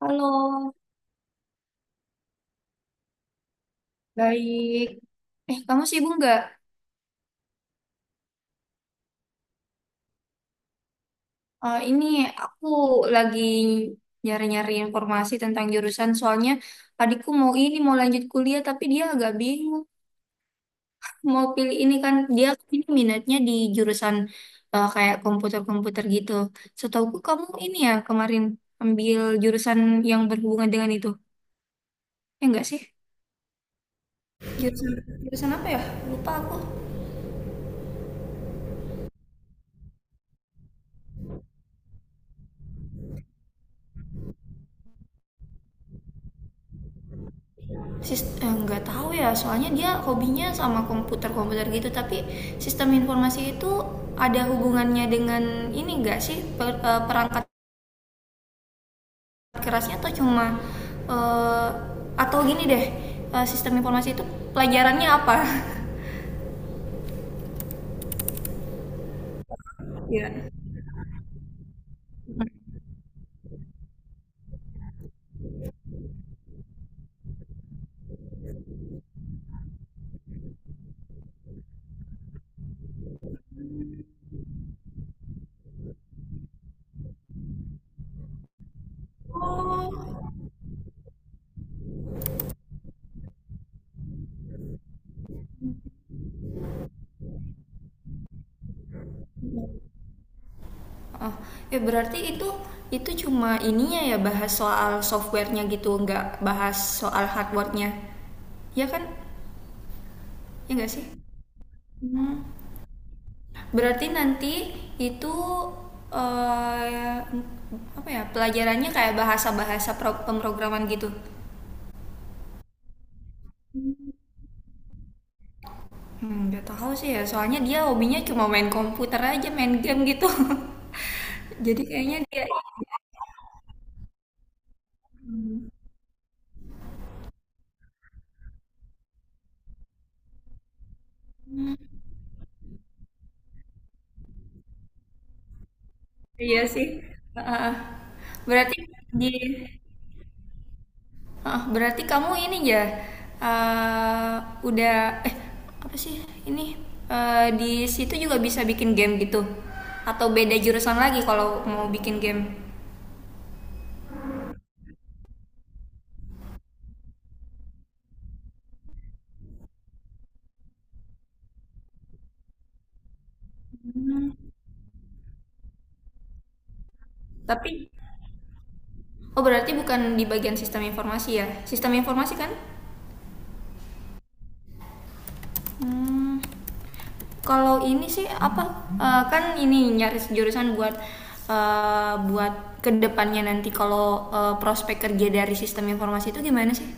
Halo, baik. Kamu sibuk nggak? Ini aku lagi nyari-nyari informasi tentang jurusan. Soalnya adikku mau ini, mau lanjut kuliah, tapi dia agak bingung. Mau pilih ini kan, dia ini minatnya di jurusan, kayak komputer-komputer gitu. Setauku kamu ini ya kemarin ambil jurusan yang berhubungan dengan itu. Ya enggak sih? Jurusan, jurusan apa ya? Lupa aku. Nggak tahu ya, soalnya dia hobinya sama komputer komputer gitu. Tapi sistem informasi itu ada hubungannya dengan ini nggak sih? Perangkat kerasnya, atau cuma eh, atau gini deh, sistem informasi itu pelajarannya apa? Ya. Oh oh, ya, berarti itu cuma ininya ya, bahas soal softwarenya gitu, nggak bahas soal hardwarenya, ya kan? Ya nggak sih? Hmm. Berarti nanti itu, eh, apa ya, pelajarannya kayak bahasa-bahasa pemrograman gitu. Hmm, gak tahu sih ya. Soalnya dia hobinya cuma main komputer aja, main game gitu. Jadi kayaknya dia iya sih. Heeh. berarti di Heeh, berarti kamu ini ya, eh, udah, eh apa sih ini. Di situ juga bisa bikin game gitu, atau beda jurusan lagi kalau mau bikin game? Mmm, tapi oh, berarti bukan di bagian sistem informasi ya? Sistem informasi kan? Mmm, kalau ini sih apa, kan ini nyaris jurusan buat, buat kedepannya nanti kalau, prospek kerja dari sistem informasi itu gimana sih?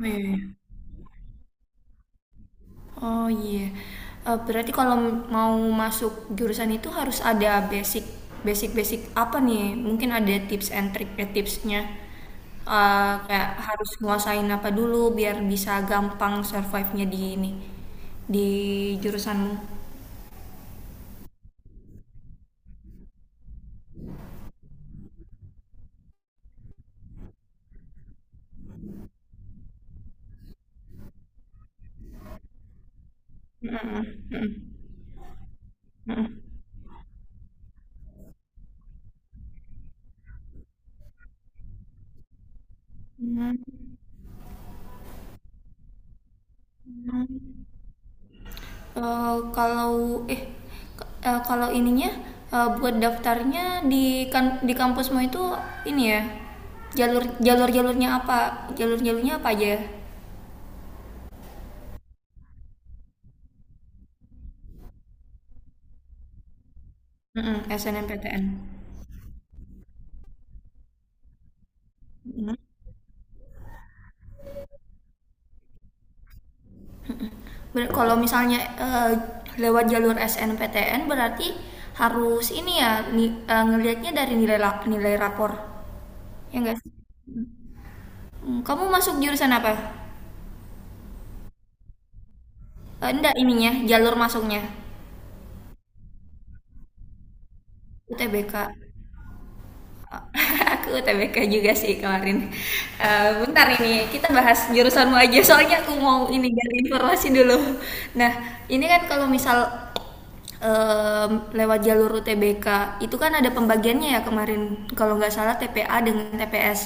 Oh, iya iya. Oh iya. Berarti kalau mau masuk jurusan itu harus ada basic basic basic apa nih? Mungkin ada tips and trick, tipsnya. Kayak harus nguasain apa dulu biar bisa gampang survive-nya di ini, di jurusanmu. Eh, kalau eh Kalau ininya, buat daftarnya di kan di kampusmu itu, ini ya, jalur jalur jalurnya apa aja? Mm-mm, SNMPTN. Kalau misalnya eh, lewat jalur SNPTN berarti harus ini ya, ngelihatnya dari nilai rapor. Ya enggak sih? Hmm, kamu masuk jurusan apa? Enggak ininya, jalur masuknya. UTBK. Aku UTBK juga sih kemarin. Bentar ini, kita bahas jurusanmu aja, soalnya aku mau ini gali informasi dulu. Nah, ini kan kalau misal, em, lewat jalur UTBK itu kan ada pembagiannya ya kemarin, kalau nggak salah TPA dengan TPS.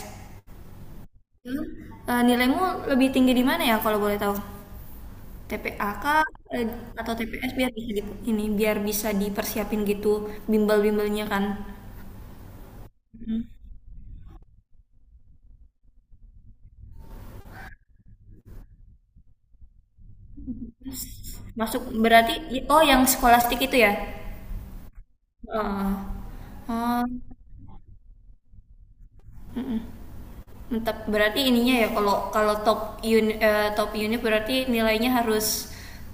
Nilaimu lebih tinggi di mana ya, kalau boleh tahu? TPA kah, eh, atau TPS, biar bisa di- ini biar bisa dipersiapin gitu, bimbel-bimbelnya kan. Masuk berarti oh, yang skolastik itu ya? Heeh. Oh, mantap. Berarti ininya ya, kalau kalau top unit berarti nilainya harus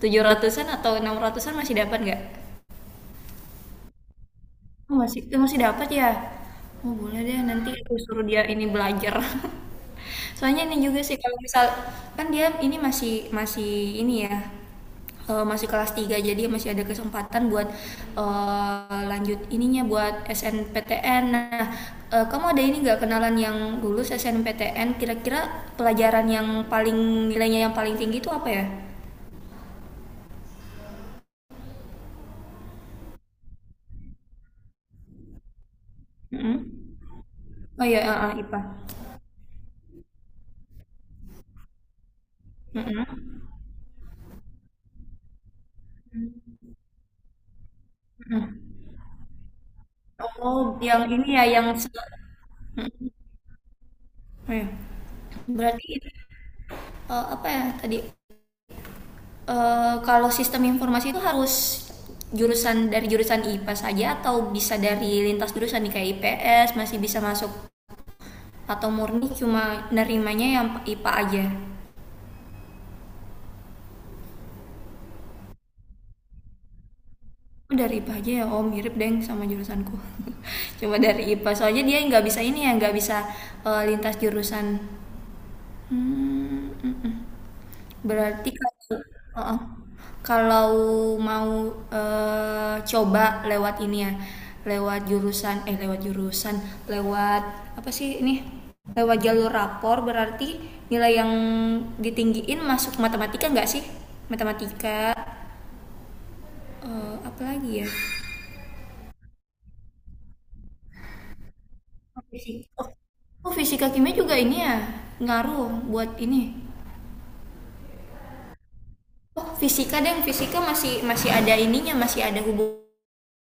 700-an, atau enam ratusan masih dapat nggak? Oh masih, masih dapat ya? Oh boleh deh, nanti aku suruh dia ini belajar. Soalnya ini juga sih, kalau misal kan dia ini masih masih ini ya, masih kelas tiga, jadi masih ada kesempatan buat, lanjut ininya buat SNPTN. Nah, kamu ada ini nggak kenalan yang lulus SNPTN, kira-kira pelajaran yang paling, nilainya yang paling tinggi itu apa ya? Mhm. Oh ya, heeh, IPA. Mhm mhm. Oh yang ini ya yang se. Mhm, iya. Berarti, apa ya tadi, eee, kalau sistem informasi itu harus jurusan dari jurusan IPA saja, atau bisa dari lintas jurusan nih, kayak IPS masih bisa masuk, atau murni cuma nerimanya yang IPA aja? Oh dari IPA aja ya? Oh mirip deng sama jurusanku. Cuma dari IPA, soalnya dia nggak bisa ini ya, nggak bisa, lintas jurusan. Mmm, mhm. Berarti kalau, heeh, kalau mau, coba lewat ini ya, lewat jurusan, lewat apa sih ini, lewat jalur rapor berarti nilai yang ditinggiin masuk matematika nggak sih? Matematika, apalagi ya? Oh, fisika. Oh oh, fisika kimia juga ini ya, ngaruh buat ini? Oh, fisika deng, fisika masih masih ada ininya, masih ada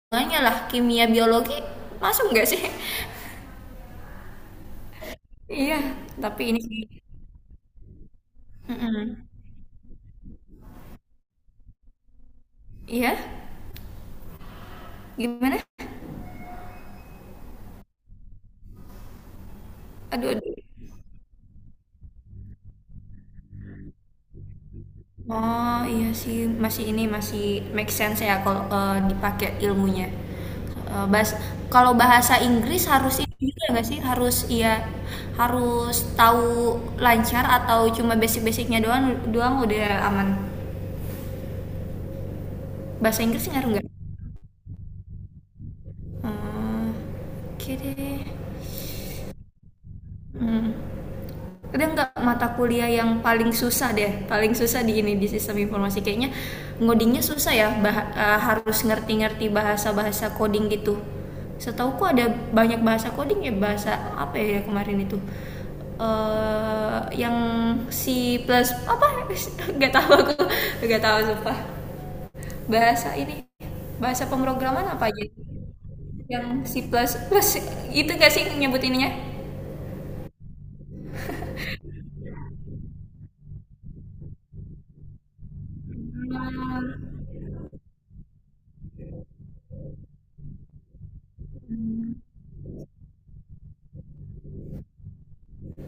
hubungannya lah, kimia biologi masuk nggak sih? Iya, tapi ini sih mm-mm. Iya, gimana, aduh aduh, oh iya sih, masih ini masih make sense ya, kalau dipakai ilmunya. Eh, bahas- Kalau bahasa Inggris harus ini juga nggak sih, harus iya, harus tahu lancar atau cuma basic-basicnya doang doang udah aman? Bahasa Inggris ngaruh nggak? Hmm, oke deh. Hmm. Ada nggak mata kuliah yang paling susah deh, paling susah di ini di sistem informasi? Kayaknya ngodingnya susah ya, harus ngerti-ngerti bahasa-bahasa coding gitu. Setauku ada banyak bahasa coding ya, bahasa apa ya kemarin itu, yang C plus plus apa. Nggak tahu aku, nggak tahu sumpah, bahasa ini bahasa pemrograman apa aja, yang C plus plus itu nggak sih nyebutinnya?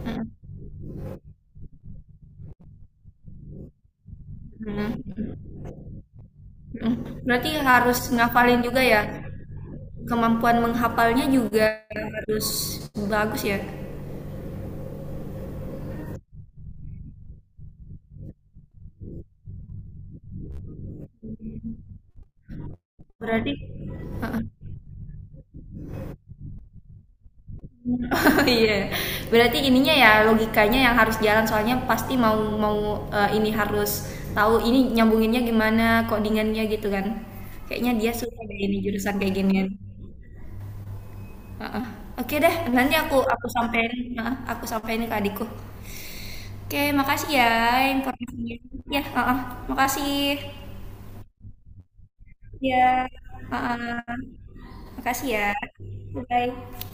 Hmm. Mm. Mm. Berarti harus ngafalin juga ya. Kemampuan menghafalnya juga harus bagus ya. Berarti iya. Berarti ininya ya, logikanya yang harus jalan, soalnya pasti mau mau ini harus tahu ini nyambunginnya gimana, codingannya gitu kan. Kayaknya dia suka deh ini jurusan kayak ginian. Heeh. Oke deh, nanti aku sampein, heeh, aku sampein ke adikku. Oke, makasih ya informasinya. Ya, heeh. Makasih. Iya, heeh. Makasih ya. Bye.